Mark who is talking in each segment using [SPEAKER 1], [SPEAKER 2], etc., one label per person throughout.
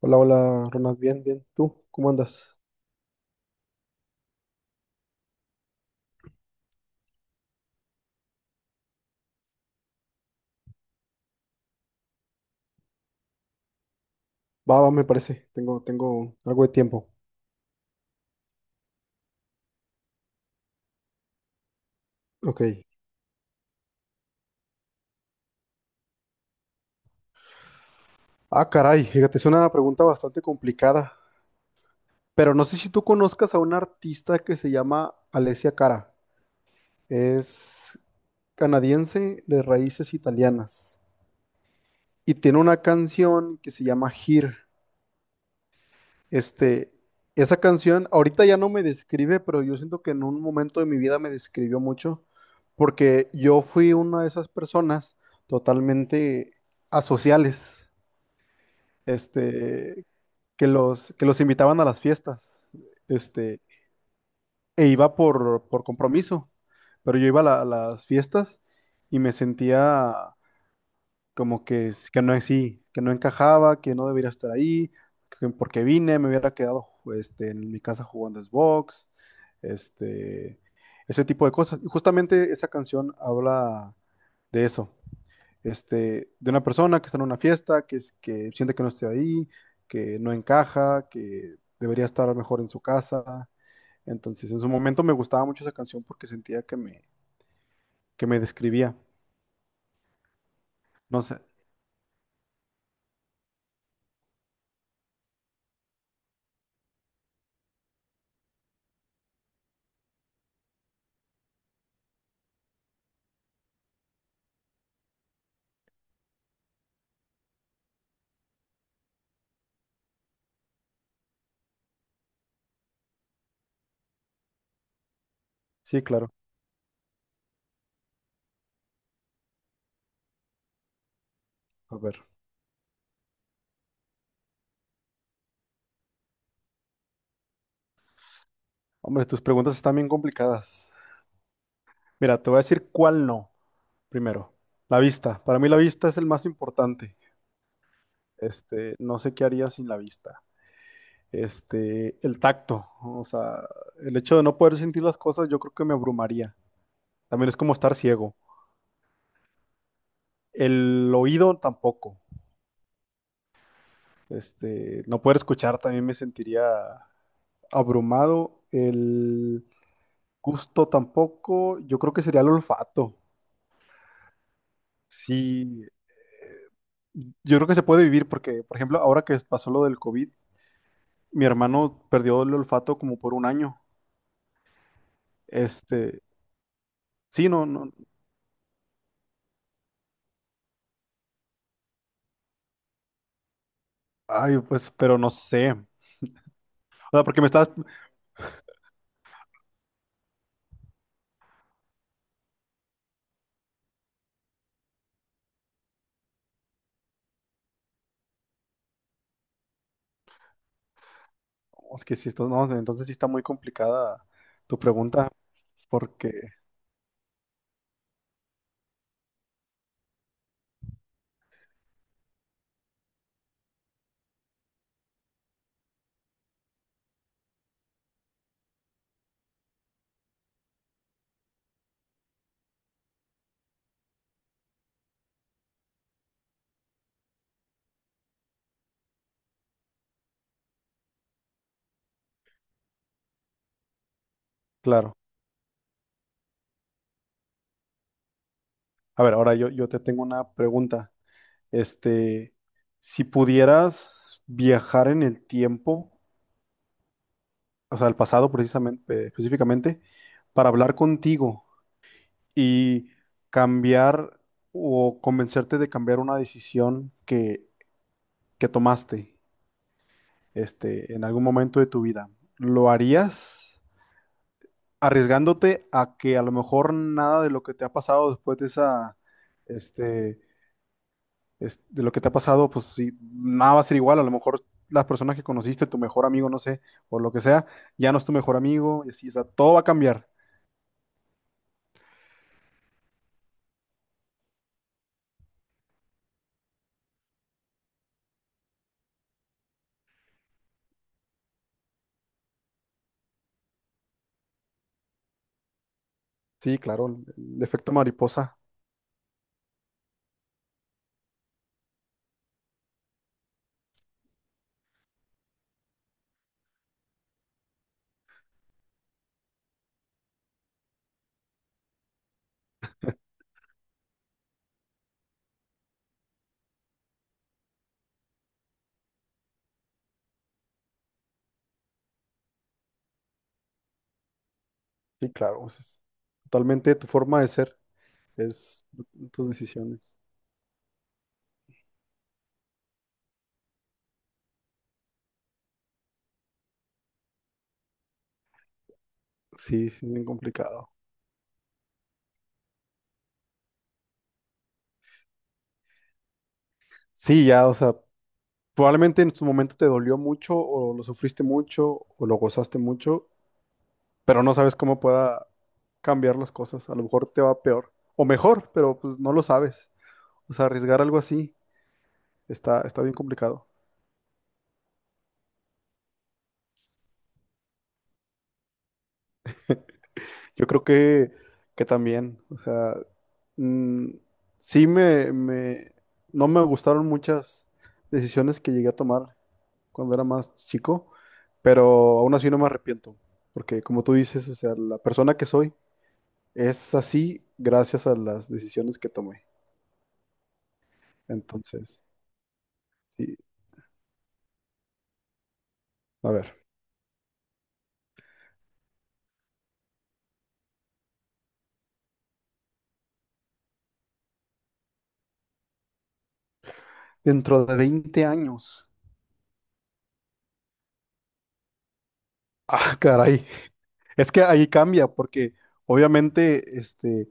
[SPEAKER 1] Hola, hola, Ronald, bien, bien. ¿Tú cómo andas? Va, va, me parece. Tengo algo de tiempo. Ok. Ah, caray, fíjate, es una pregunta bastante complicada. Pero no sé si tú conozcas a una artista que se llama Alessia Cara. Es canadiense de raíces italianas. Y tiene una canción que se llama Here. Este, Esa canción ahorita ya no me describe, pero yo siento que en un momento de mi vida me describió mucho, porque yo fui una de esas personas totalmente asociales, este, que los invitaban a las fiestas, este, e iba por compromiso, pero yo iba a las fiestas y me sentía como que, que no es sí, que no encajaba, que no debería estar ahí, que porque vine, me hubiera quedado en mi casa jugando Xbox, este, ese tipo de cosas. Y justamente esa canción habla de eso, de una persona que está en una fiesta, que, que siente que no está ahí, que no encaja, que debería estar mejor en su casa. Entonces, en su momento me gustaba mucho esa canción porque sentía que me describía. No sé, sí, claro. A ver. Hombre, tus preguntas están bien complicadas. Mira, te voy a decir cuál no, primero. La vista. Para mí la vista es el más importante. No sé qué haría sin la vista. El tacto. O sea, el hecho de no poder sentir las cosas, yo creo que me abrumaría. También es como estar ciego. El oído tampoco. No poder escuchar también me sentiría abrumado. El gusto tampoco. Yo creo que sería el olfato. Sí, yo creo que se puede vivir porque, por ejemplo, ahora que pasó lo del COVID, mi hermano perdió el olfato como por 1 año. Este, sí, no, no, ay, pues, pero no sé. O sea, porque me estás, oh, es que si esto, no, entonces sí está muy complicada tu pregunta, porque, claro. A ver, yo te tengo una pregunta. Este, si pudieras viajar en el tiempo, o sea, al pasado precisamente, específicamente, para hablar contigo. Y cambiar o convencerte de cambiar una decisión que tomaste en algún momento de tu vida. ¿Lo harías arriesgándote a que a lo mejor nada de lo que te ha pasado después de esa, este, de lo que te ha pasado, pues sí, nada va a ser igual, a lo mejor las personas que conociste, tu mejor amigo, no sé, o lo que sea, ya no es tu mejor amigo, y así, o sea, todo va a cambiar. Sí, claro, el efecto mariposa, sí, claro, es totalmente tu forma de ser. Es tus decisiones. Sí, sí, es bien complicado. Sí, ya, o sea, probablemente en su momento te dolió mucho o lo sufriste mucho o lo gozaste mucho, pero no sabes cómo pueda cambiar las cosas. A lo mejor te va peor o mejor, pero pues no lo sabes. O sea, arriesgar algo así está, está bien complicado. Yo creo que también, o sea, mm, sí me, me, no me gustaron muchas decisiones que llegué a tomar cuando era más chico, pero aún así no me arrepiento, porque como tú dices, o sea, la persona que soy es así gracias a las decisiones que tomé. Entonces, sí, a ver, dentro de 20 años, ah, caray, es que ahí cambia, porque obviamente,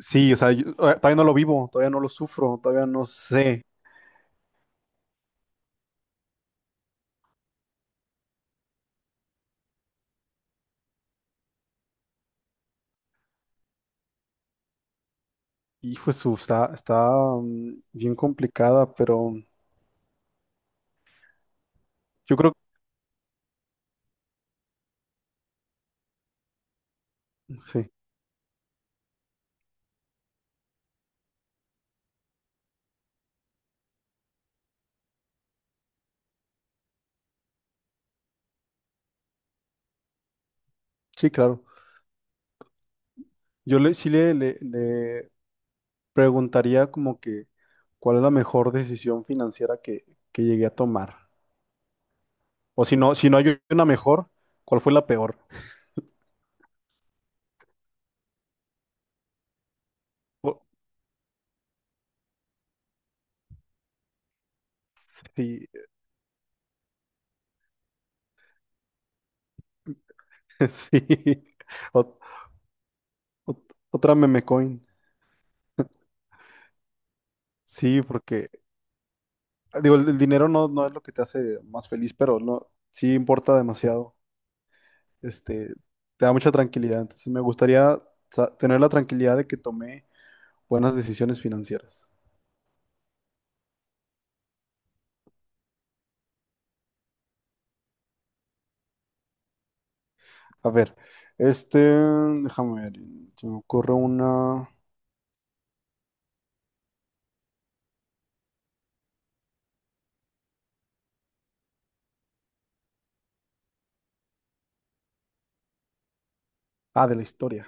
[SPEAKER 1] sí, o sea, yo todavía no lo vivo, todavía no lo sufro, todavía no sé. Hijo de su, está bien complicada, pero yo creo que sí, sí, claro. Yo le, sí le preguntaría como que cuál es la mejor decisión financiera que llegué a tomar. O si no, si no hay una mejor, ¿cuál fue la peor? O- sí, sí. Ot- otra meme coin. Sí, porque digo, el dinero no, no es lo que te hace más feliz, pero no, sí importa demasiado. Este, Te da mucha tranquilidad. Entonces me gustaría tener la tranquilidad de que tomé buenas decisiones financieras. A ver, déjame ver, se me ocurre una... Ah, de la historia.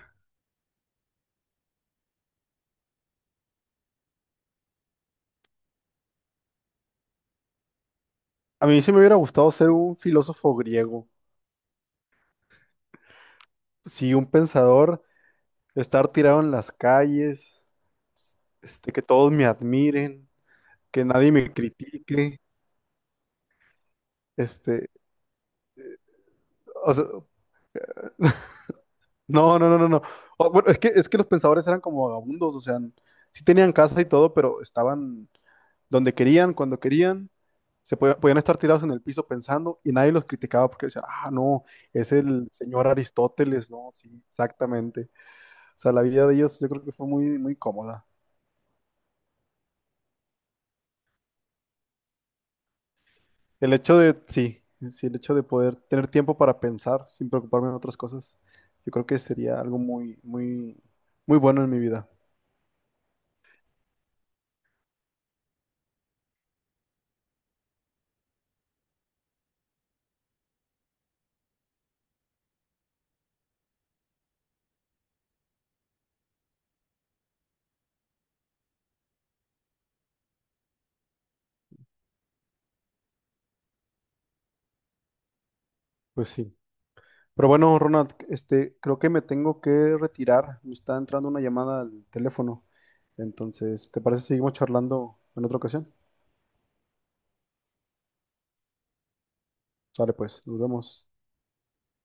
[SPEAKER 1] A mí sí me hubiera gustado ser un filósofo griego. Sí, un pensador, estar tirado en las calles, que todos me admiren, que nadie me critique. Este, o sea, No, no, no, no, no. Bueno, es que los pensadores eran como vagabundos, o sea, sí tenían casa y todo, pero estaban donde querían, cuando querían, podían estar tirados en el piso pensando y nadie los criticaba porque decían, ah, no, es el señor Aristóteles, no, sí, exactamente. O sea, la vida de ellos yo creo que fue muy, muy cómoda. El hecho de, sí, sí, el hecho de poder tener tiempo para pensar sin preocuparme en otras cosas, yo creo que sería algo muy, muy, muy bueno en mi vida. Pues sí. Pero bueno, Ronald, creo que me tengo que retirar. Me está entrando una llamada al teléfono. Entonces, ¿te parece si seguimos charlando en otra ocasión? Sale pues, nos vemos.